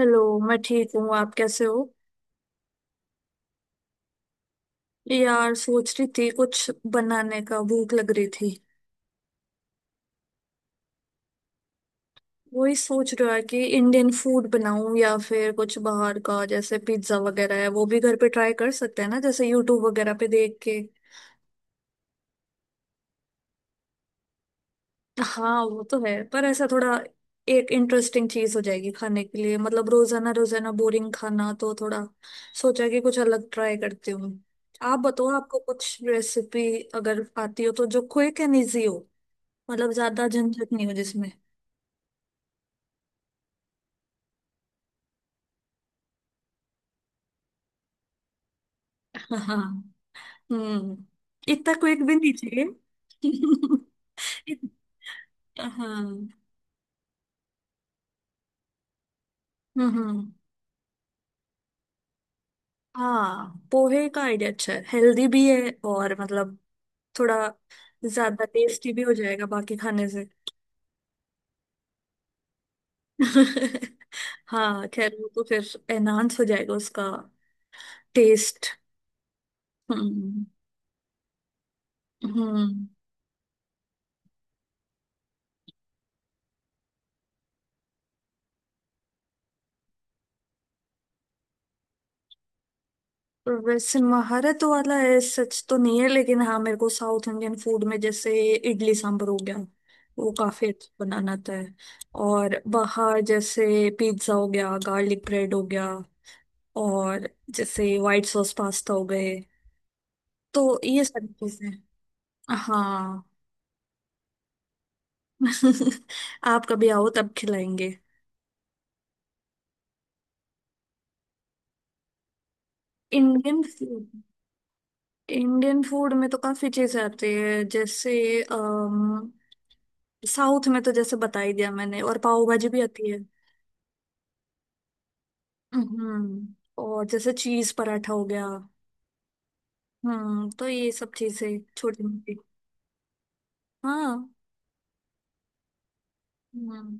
Hello. मैं ठीक हूँ। आप कैसे हो? यार, सोच रही थी कुछ बनाने का, भूख लग रही थी। वही सोच रहा कि इंडियन फूड बनाऊं या फिर कुछ बाहर का, जैसे पिज्जा वगैरह है, वो भी घर पे ट्राई कर सकते हैं ना, जैसे यूट्यूब वगैरह पे देख के। हाँ, वो तो है, पर ऐसा थोड़ा एक इंटरेस्टिंग चीज हो जाएगी खाने के लिए। मतलब रोजाना रोजाना बोरिंग खाना तो थोड़ा। सोचा कि कुछ अलग ट्राई करती हूँ। आप बताओ, आपको कुछ रेसिपी अगर आती हो तो, जो क्विक एंड इजी हो, मतलब ज्यादा झंझट नहीं हो जिसमें। हाँ। हम्म। इतना क्विक भी नहीं चाहिए। हाँ। हम्म। हम्म। हाँ, पोहे का आइडिया अच्छा है, हेल्दी भी है, और मतलब थोड़ा ज्यादा टेस्टी भी हो जाएगा बाकी खाने से। हाँ, खैर वो तो फिर एनहांस हो जाएगा उसका टेस्ट। हम्म। हम्म। वैसे महारत वाला है सच तो नहीं है, लेकिन हाँ, मेरे को साउथ इंडियन फूड में जैसे इडली सांभर हो गया, वो काफी अच्छा बनाना आता है। और बाहर जैसे पिज्जा हो गया, गार्लिक ब्रेड हो गया, और जैसे व्हाइट सॉस पास्ता हो गए, तो ये सारी चीजें। हाँ। आप कभी आओ तब खिलाएंगे। इंडियन फूड इंडियन फूड में तो काफी चीजें आती है जैसे अम, साउथ में तो जैसे बता ही दिया मैंने, और पाव भाजी भी आती है। हम्म। और जैसे चीज पराठा हो गया। हम्म, तो ये सब चीजें छोटी मोटी। हाँ। हम्म।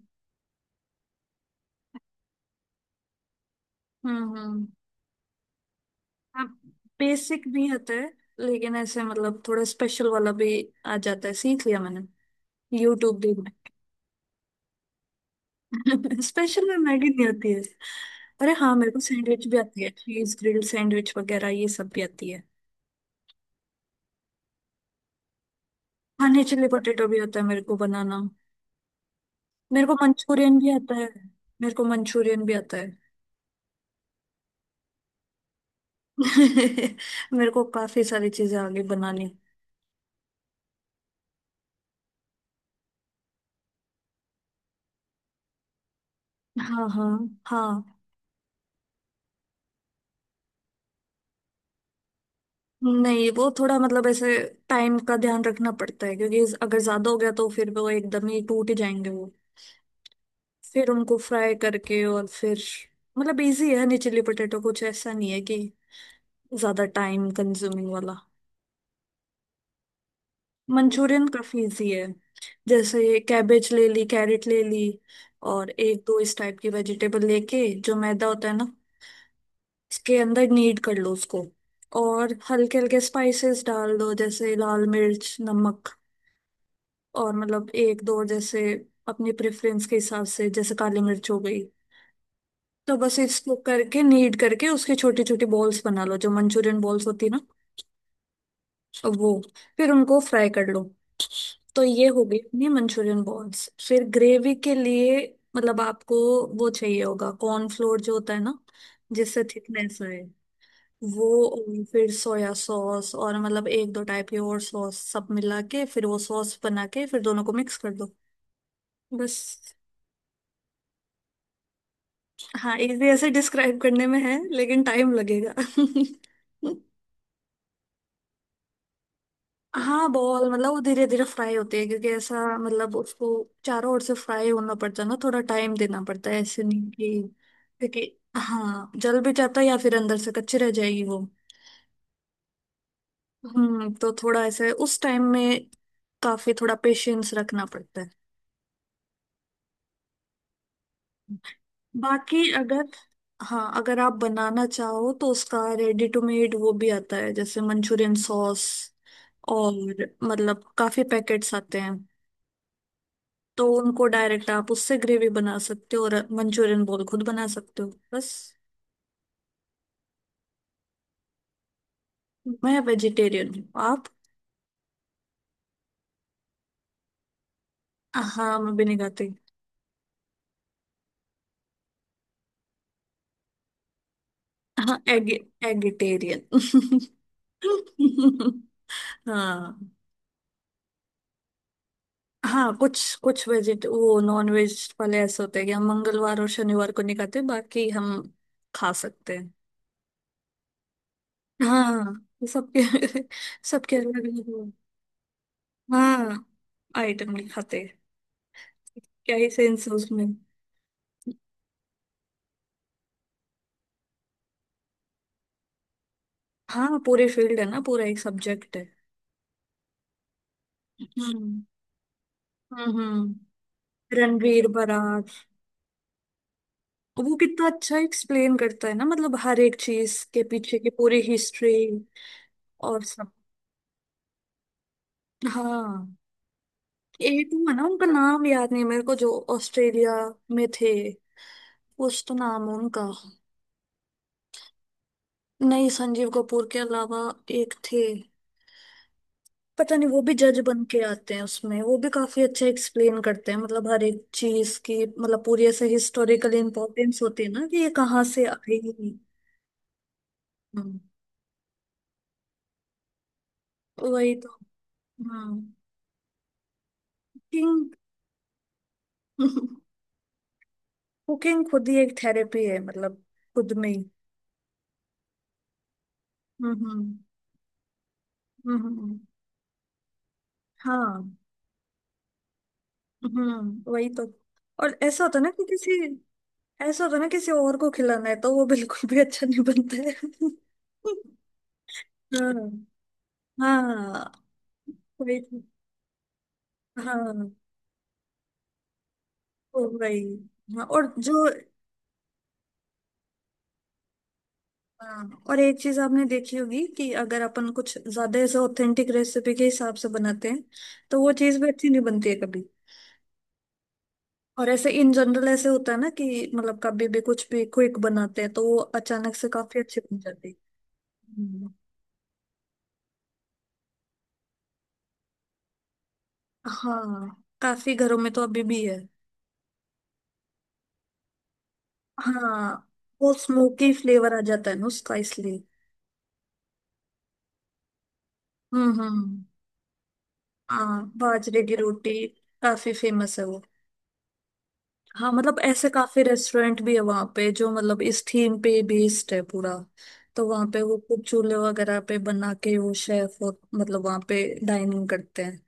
हम्म। हम्म। अब बेसिक भी आता है, लेकिन ऐसे मतलब थोड़ा स्पेशल वाला भी आ जाता है, सीख लिया मैंने यूट्यूब देख में। स्पेशल में मैगी नहीं आती है। अरे हाँ, मेरे को सैंडविच भी आती है, चीज ग्रिल्ड सैंडविच वगैरह, ये सब भी आती है। खाने, चिली पोटेटो भी आता है मेरे को बनाना। मेरे को मंचूरियन भी आता है। मेरे को मंचूरियन भी आता है। मेरे को काफी सारी चीजें आगे बनानी। हाँ, हाँ। हाँ, नहीं वो थोड़ा मतलब ऐसे टाइम का ध्यान रखना पड़ता है, क्योंकि अगर ज्यादा हो गया तो फिर वो एकदम ही टूट ही जाएंगे वो, फिर उनको फ्राई करके, और फिर मतलब इजी है नहीं चिली पोटैटो, कुछ ऐसा नहीं है कि ज्यादा टाइम कंज्यूमिंग वाला। मंचूरियन काफी इजी है। जैसे कैबेज ले ली, कैरेट ले ली, और एक दो इस टाइप की वेजिटेबल लेके, जो मैदा होता है ना, इसके अंदर नीड कर लो उसको, और हल्के हल्के स्पाइसेस डाल दो जैसे लाल मिर्च, नमक, और मतलब एक दो जैसे अपनी प्रेफरेंस के हिसाब से जैसे काली मिर्च हो गई। तो बस इसको करके नीड करके उसके छोटी छोटी बॉल्स बना लो, जो मंचूरियन बॉल्स होती है ना, वो, फिर उनको फ्राई कर लो। तो ये हो गई अपनी मंचूरियन बॉल्स। फिर ग्रेवी के लिए मतलब आपको वो चाहिए होगा कॉर्नफ्लोर जो होता है ना, जिससे थिकनेस आए वो, और फिर सोया सॉस और मतलब एक दो टाइप की और सॉस सब मिला के, फिर वो सॉस बना के, फिर दोनों को मिक्स कर दो बस। हाँ, इजी ऐसे डिस्क्राइब करने में है, लेकिन टाइम लगेगा। हाँ, बॉल मतलब वो धीरे धीरे फ्राई होती है, क्योंकि ऐसा मतलब उसको चारों ओर से फ्राई होना पड़ता है ना, थोड़ा टाइम देना पड़ता है, ऐसे नहीं कि क्योंकि हाँ, जल भी जाता है या फिर अंदर से कच्ची रह जाएगी वो। हम्म, तो थोड़ा ऐसे उस टाइम में काफी थोड़ा पेशेंस रखना पड़ता है। बाकी अगर, हाँ, अगर आप बनाना चाहो तो उसका रेडी टू मेड वो भी आता है जैसे मंचूरियन सॉस, और मतलब काफी पैकेट्स आते हैं। तो उनको डायरेक्ट आप उससे ग्रेवी बना सकते हो और मंचूरियन बॉल खुद बना सकते हो बस। मैं वेजिटेरियन हूँ। आप? हाँ, मैं भी नहीं खाती। हाँ, एग। एगिटेरियन। हाँ। हाँ, कुछ कुछ वेजिट वो नॉन वेज वाले ऐसे होते हैं कि हम मंगलवार और शनिवार को नहीं खाते, बाकी हम खा सकते हैं। हाँ, तो सबके। सबके अलग अलग। हाँ, आइटम नहीं खाते। क्या ही सेंस है उसमें। हाँ, पूरे फील्ड है ना, पूरा एक सब्जेक्ट है। हम्म। हम्म। हम्म। रणवीर बरार। वो कितना अच्छा एक्सप्लेन करता है ना, मतलब हर एक चीज के पीछे की पूरी हिस्ट्री, और सब। हाँ, एटू है ना, उनका नाम याद नहीं है मेरे को, जो ऑस्ट्रेलिया में थे, कुछ तो नाम है उनका। नहीं, संजीव कपूर के अलावा एक थे, पता नहीं, वो भी जज बन के आते हैं उसमें, वो भी काफी अच्छा एक्सप्लेन करते हैं, मतलब हर एक चीज की मतलब पूरी ऐसे हिस्टोरिकल इम्पोर्टेंस होती है ना कि ये कहाँ से आई। हम्म, वही तो। हाँ। कुकिंग कुकिंग खुद ही एक थेरेपी है, मतलब खुद में ही। हम्म। हम्म। हम्म। हाँ। हम्म, वही तो। और ऐसा होता है ना कि किसी, ऐसा होता है ना किसी और को खिलाना है, तो वो बिल्कुल भी अच्छा नहीं बनता है। हाँ, हाँ, वही तो। हाँ, तो वही। हाँ, और जो। हाँ, और एक चीज आपने देखी होगी कि अगर अपन कुछ ज्यादा ऐसे ऑथेंटिक रेसिपी के हिसाब से बनाते हैं, तो वो चीज भी अच्छी नहीं बनती है कभी। और ऐसे इन जनरल ऐसे होता है ना कि, मतलब कभी भी कुछ भी क्विक बनाते हैं तो वो अचानक से काफी अच्छी बन जाती है। हाँ, काफी घरों में तो अभी भी है। हाँ, वो स्मोकी फ्लेवर आ जाता है ना उसका, इसलिए। हम्म। हम्म। हाँ, बाजरे की रोटी काफी फेमस है वो। हाँ, मतलब ऐसे काफी रेस्टोरेंट भी है वहाँ पे, जो मतलब इस थीम पे बेस्ड है पूरा। तो वहाँ पे वो कुछ चूल्हे वगैरह पे बना के वो शेफ, और मतलब वहाँ पे डाइनिंग करते हैं।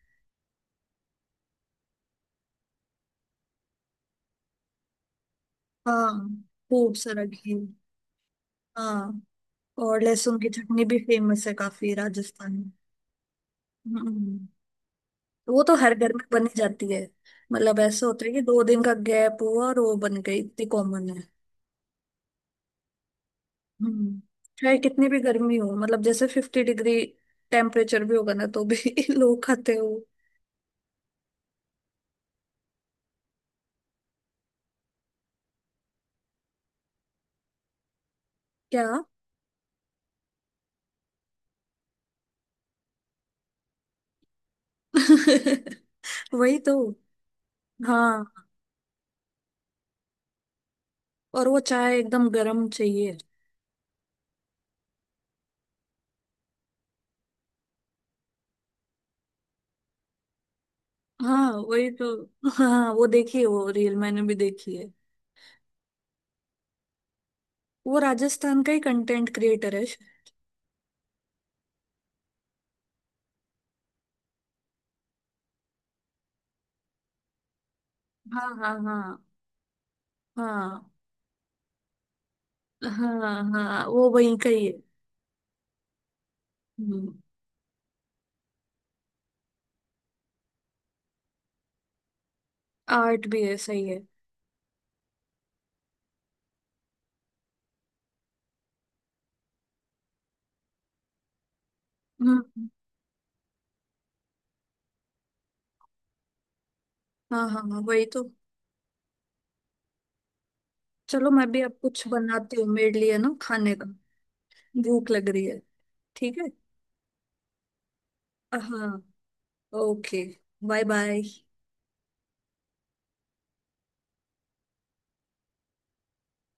हाँ, खूब सारा घी। हाँ, और लहसुन की चटनी भी फेमस है काफी राजस्थान में। हम्म, तो वो तो हर घर में बनी जाती है। मतलब ऐसे होता है कि दो दिन का गैप हुआ और वो बन गई, इतनी कॉमन है। हम्म, चाहे कितनी भी गर्मी हो, मतलब जैसे 50 डिग्री टेम्परेचर भी होगा ना, तो भी लोग खाते हो। क्या। वही तो। हाँ, और वो चाय एकदम गर्म चाहिए। हाँ, वही तो। हाँ, वो देखी है, वो रील मैंने भी देखी है। वो राजस्थान का ही कंटेंट क्रिएटर है शायद। हाँ, हाँ, हाँ। हाँ, हाँ, हाँ, वो वहीं का ही है। आर्ट भी है, सही है। हम्म। हाँ, हाँ, हाँ, वही तो। चलो, मैं भी अब कुछ बनाती हूँ मेरे लिए ना खाने का। भूख लग रही है। ठीक है। हाँ। ओके। Bye bye.